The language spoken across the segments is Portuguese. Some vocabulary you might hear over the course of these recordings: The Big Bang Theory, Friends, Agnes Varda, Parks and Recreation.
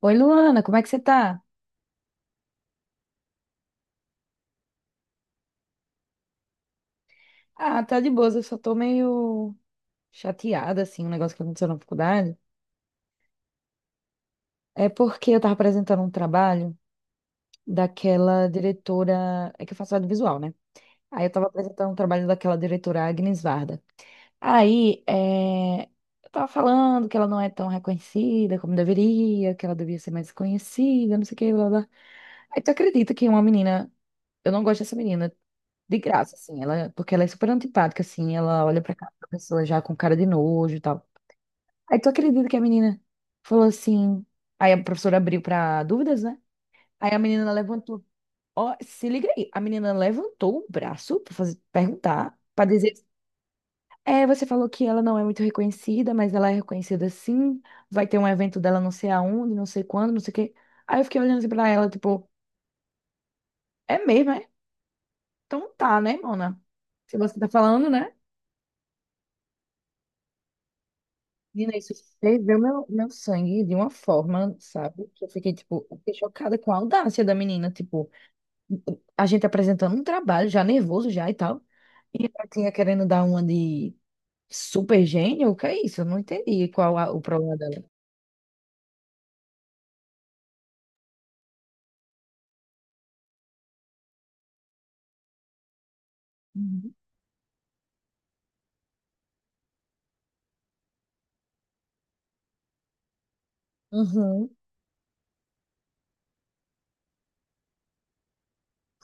Oi, Luana, como é que você tá? Ah, tá de boas, eu só tô meio chateada, assim, um negócio que aconteceu na faculdade. É porque eu tava apresentando um trabalho daquela diretora. É que eu faço audiovisual, né? Aí eu tava apresentando um trabalho daquela diretora Agnes Varda. Aí eu tava falando que ela não é tão reconhecida como deveria, que ela devia ser mais conhecida, não sei o que, blá, blá. Aí tu acredita que uma menina. Eu não gosto dessa menina de graça, assim, ela, porque ela é super antipática, assim, ela olha pra cara da pessoa já com cara de nojo e tal. Aí tu acredita que a menina falou assim, aí a professora abriu pra dúvidas, né? Aí a menina levantou, ó, se liga aí, a menina levantou o braço pra fazer, perguntar, pra dizer, é, você falou que ela não é muito reconhecida, mas ela é reconhecida sim, vai ter um evento dela não sei aonde, não sei quando, não sei o quê. Aí eu fiquei olhando assim pra ela, tipo, é mesmo, é? Então tá, né, mona? Se você tá falando, né? Nina, isso ferveu meu sangue de uma forma, sabe? Que eu fiquei, tipo, fiquei chocada com a audácia da menina. Tipo, a gente apresentando um trabalho, já nervoso já e tal. E ela tinha querendo dar uma de super gênio? O que é isso? Eu não entendi o problema dela. Uhum. Uhum.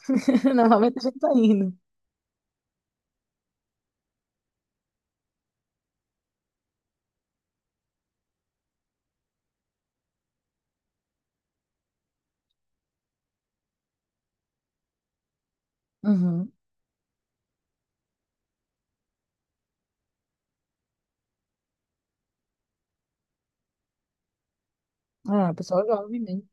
Normalmente a gente tá indo. Uhum. Ah, pessoal jovem mesmo.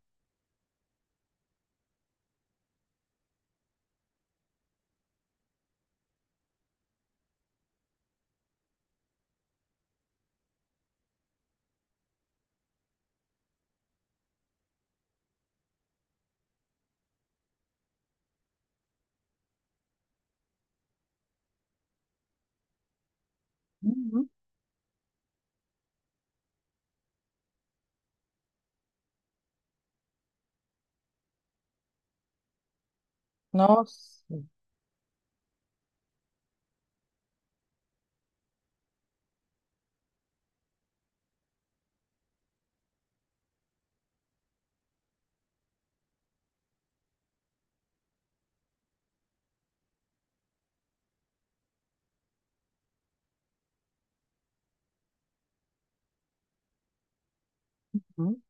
Uhum. Nossa. Uhum.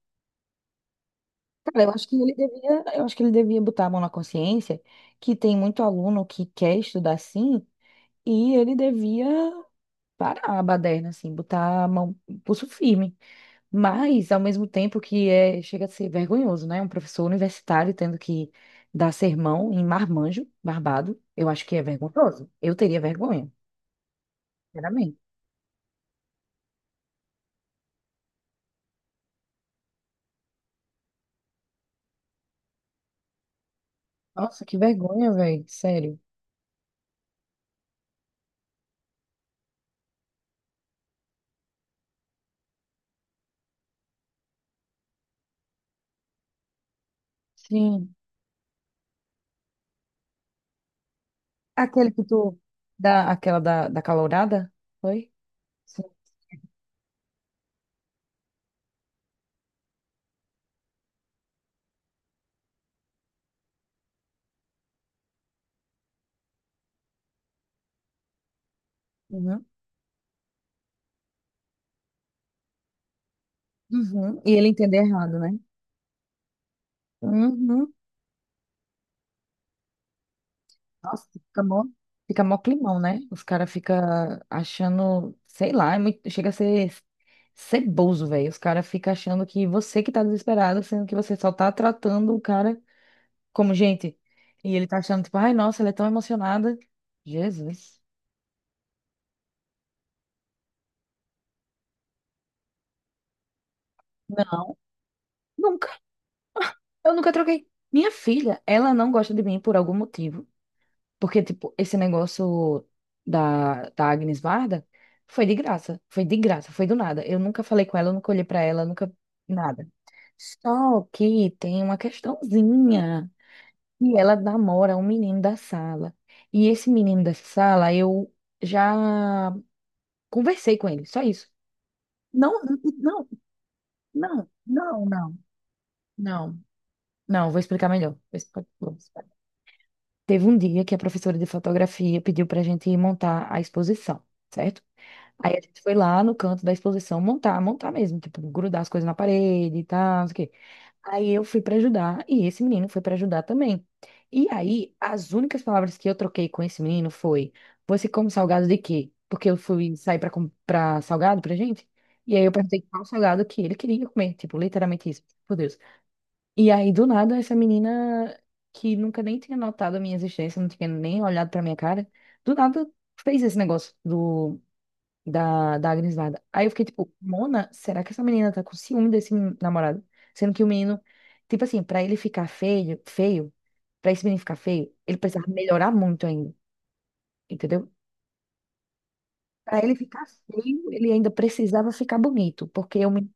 Cara, eu acho que ele devia botar a mão na consciência que tem muito aluno que quer estudar sim. E ele devia parar a baderna, assim, botar a mão, pulso firme. Mas, ao mesmo tempo que é, chega a ser vergonhoso, né? Um professor universitário tendo que dar sermão em marmanjo, barbado, eu acho que é vergonhoso. Eu teria vergonha, sinceramente. Nossa, que vergonha, velho. Sério. Sim. Aquele que tu dá, aquela da calourada, foi? Sim. Uhum. Uhum. E ele entender errado, né? Uhum. Nossa, fica mó climão, né? Os caras ficam achando, sei lá, é muito, chega a ser ceboso, velho. Os caras ficam achando que você que tá desesperado, sendo que você só tá tratando o cara como gente. E ele tá achando, tipo, ai, nossa, ela é tão emocionada. Jesus. Não, nunca. Eu nunca troquei. Minha filha, ela não gosta de mim por algum motivo. Porque, tipo, esse negócio da Agnes Varda foi de graça. Foi de graça, foi do nada. Eu nunca falei com ela, eu nunca olhei pra ela, nunca. Nada. Só que tem uma questãozinha. E ela namora um menino da sala. E esse menino da sala, eu já conversei com ele, só isso. Não, não, não, não, não, não. Não, vou explicar melhor. Vou explicar. Teve um dia que a professora de fotografia pediu pra gente montar a exposição, certo? Aí a gente foi lá no canto da exposição montar, montar mesmo, tipo, grudar as coisas na parede e tal, não sei o quê. Aí eu fui pra ajudar e esse menino foi pra ajudar também. E aí, as únicas palavras que eu troquei com esse menino foi: Você come salgado de quê? Porque eu fui sair pra comprar salgado pra gente. E aí eu perguntei qual salgado que ele queria comer, tipo, literalmente isso. Por Deus. E aí, do nada, essa menina que nunca nem tinha notado a minha existência, não tinha nem olhado pra minha cara, do nada fez esse negócio do da Agnes Varda. Aí eu fiquei tipo, Mona, será que essa menina tá com ciúme desse namorado? Sendo que o menino, tipo assim, pra ele ficar feio, feio, pra esse menino ficar feio, ele precisava melhorar muito ainda, entendeu? Pra ele ficar feio, ele ainda precisava ficar bonito, porque o menino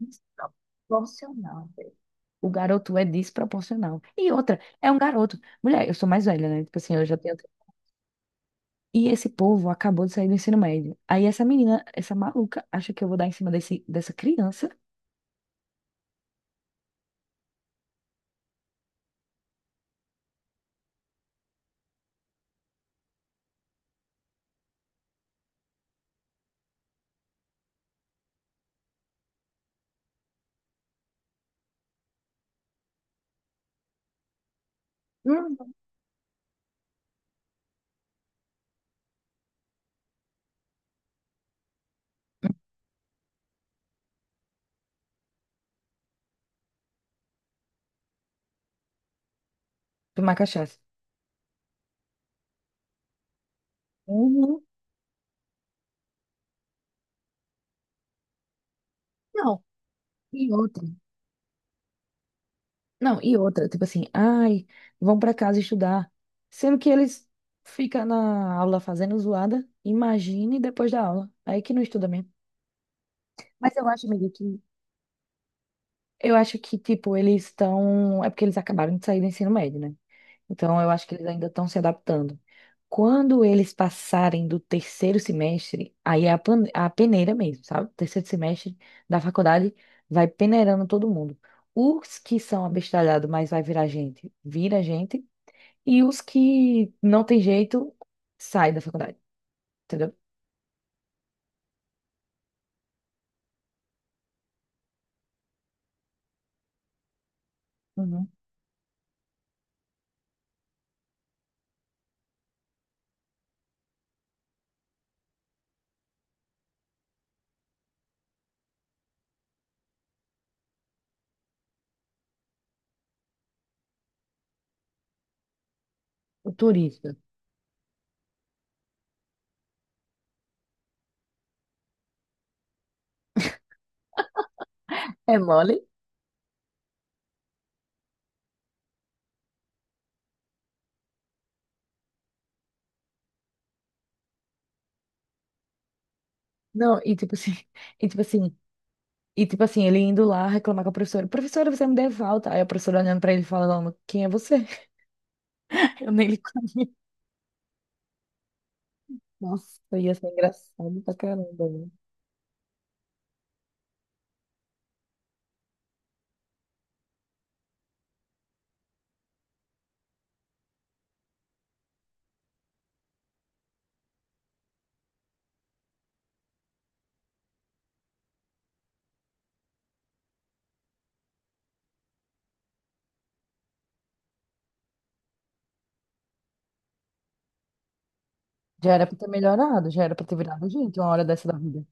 é desproporcional, velho. O garoto é desproporcional. E outra, é um garoto. Mulher, eu sou mais velha, né? Tipo assim, eu já tenho. E esse povo acabou de sair do ensino médio. Aí essa menina, essa maluca, acha que eu vou dar em cima desse, dessa criança. Hum, tomar cachaça. Uhum. Não, e outra. Não, e outra, tipo assim, ai, vão pra casa estudar. Sendo que eles ficam na aula fazendo zoada, imagine depois da aula. Aí que não estuda mesmo. Mas eu acho, amiga, que tipo, eles estão. É porque eles acabaram de sair do ensino médio, né? Então, eu acho que eles ainda estão se adaptando. Quando eles passarem do terceiro semestre, aí é a peneira mesmo, sabe? Terceiro semestre da faculdade vai peneirando todo mundo. Os que são abestalhados, mas vai virar gente, vira gente. E os que não tem jeito, sai da faculdade, entendeu? Uhum. O turista. É mole? Não, e tipo assim, e tipo assim, e tipo assim, ele indo lá reclamar com a professora, professora, você me deu falta. Aí a professora olhando pra ele e falando, quem é você? Eu nem. Nossa, ia ser engraçado pra caramba, né? Já era pra ter melhorado, já era pra ter virado gente uma hora dessa da vida.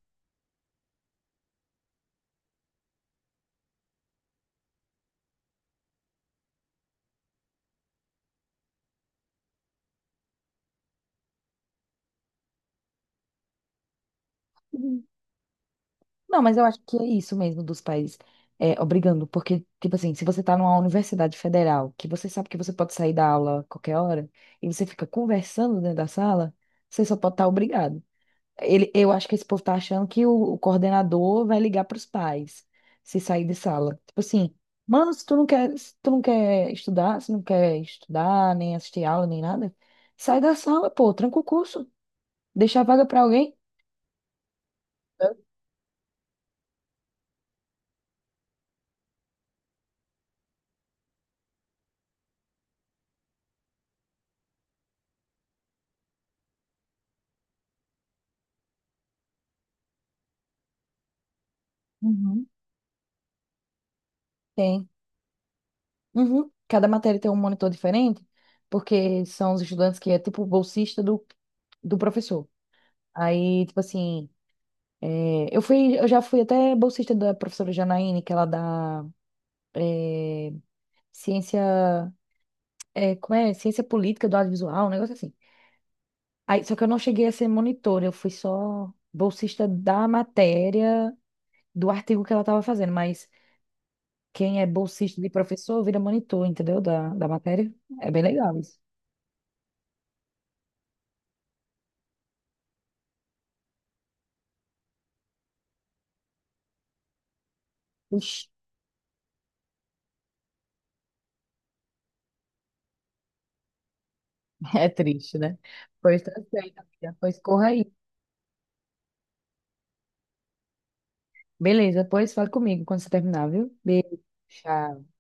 Uhum. Não, mas eu acho que é isso mesmo dos pais é, obrigando, porque, tipo assim, se você tá numa universidade federal, que você sabe que você pode sair da aula a qualquer hora, e você fica conversando dentro da sala, você só pode estar obrigado. Ele, eu acho que esse povo tá achando que o coordenador vai ligar para os pais se sair de sala. Tipo assim, mano, se tu não quer, se tu não quer estudar, se não quer estudar, nem assistir aula, nem nada, sai da sala, pô, tranca o curso, deixa a vaga para alguém. Uhum. Tem. Uhum. Cada matéria tem um monitor diferente, porque são os estudantes que é tipo bolsista do professor. Aí, tipo assim, é, eu fui, eu já fui até bolsista da professora Janaíne, que ela dá ciência. É, como é, ciência política do audiovisual, um negócio assim. Aí, só que eu não cheguei a ser monitor, eu fui só bolsista da matéria, do artigo que ela estava fazendo, mas quem é bolsista de professor vira monitor, entendeu? Da matéria. É bem legal isso. Ixi, é triste, né? Pois tá certo, amiga. Pois corra aí. Beleza, depois fala comigo quando você terminar, viu? Beijo. Tchau.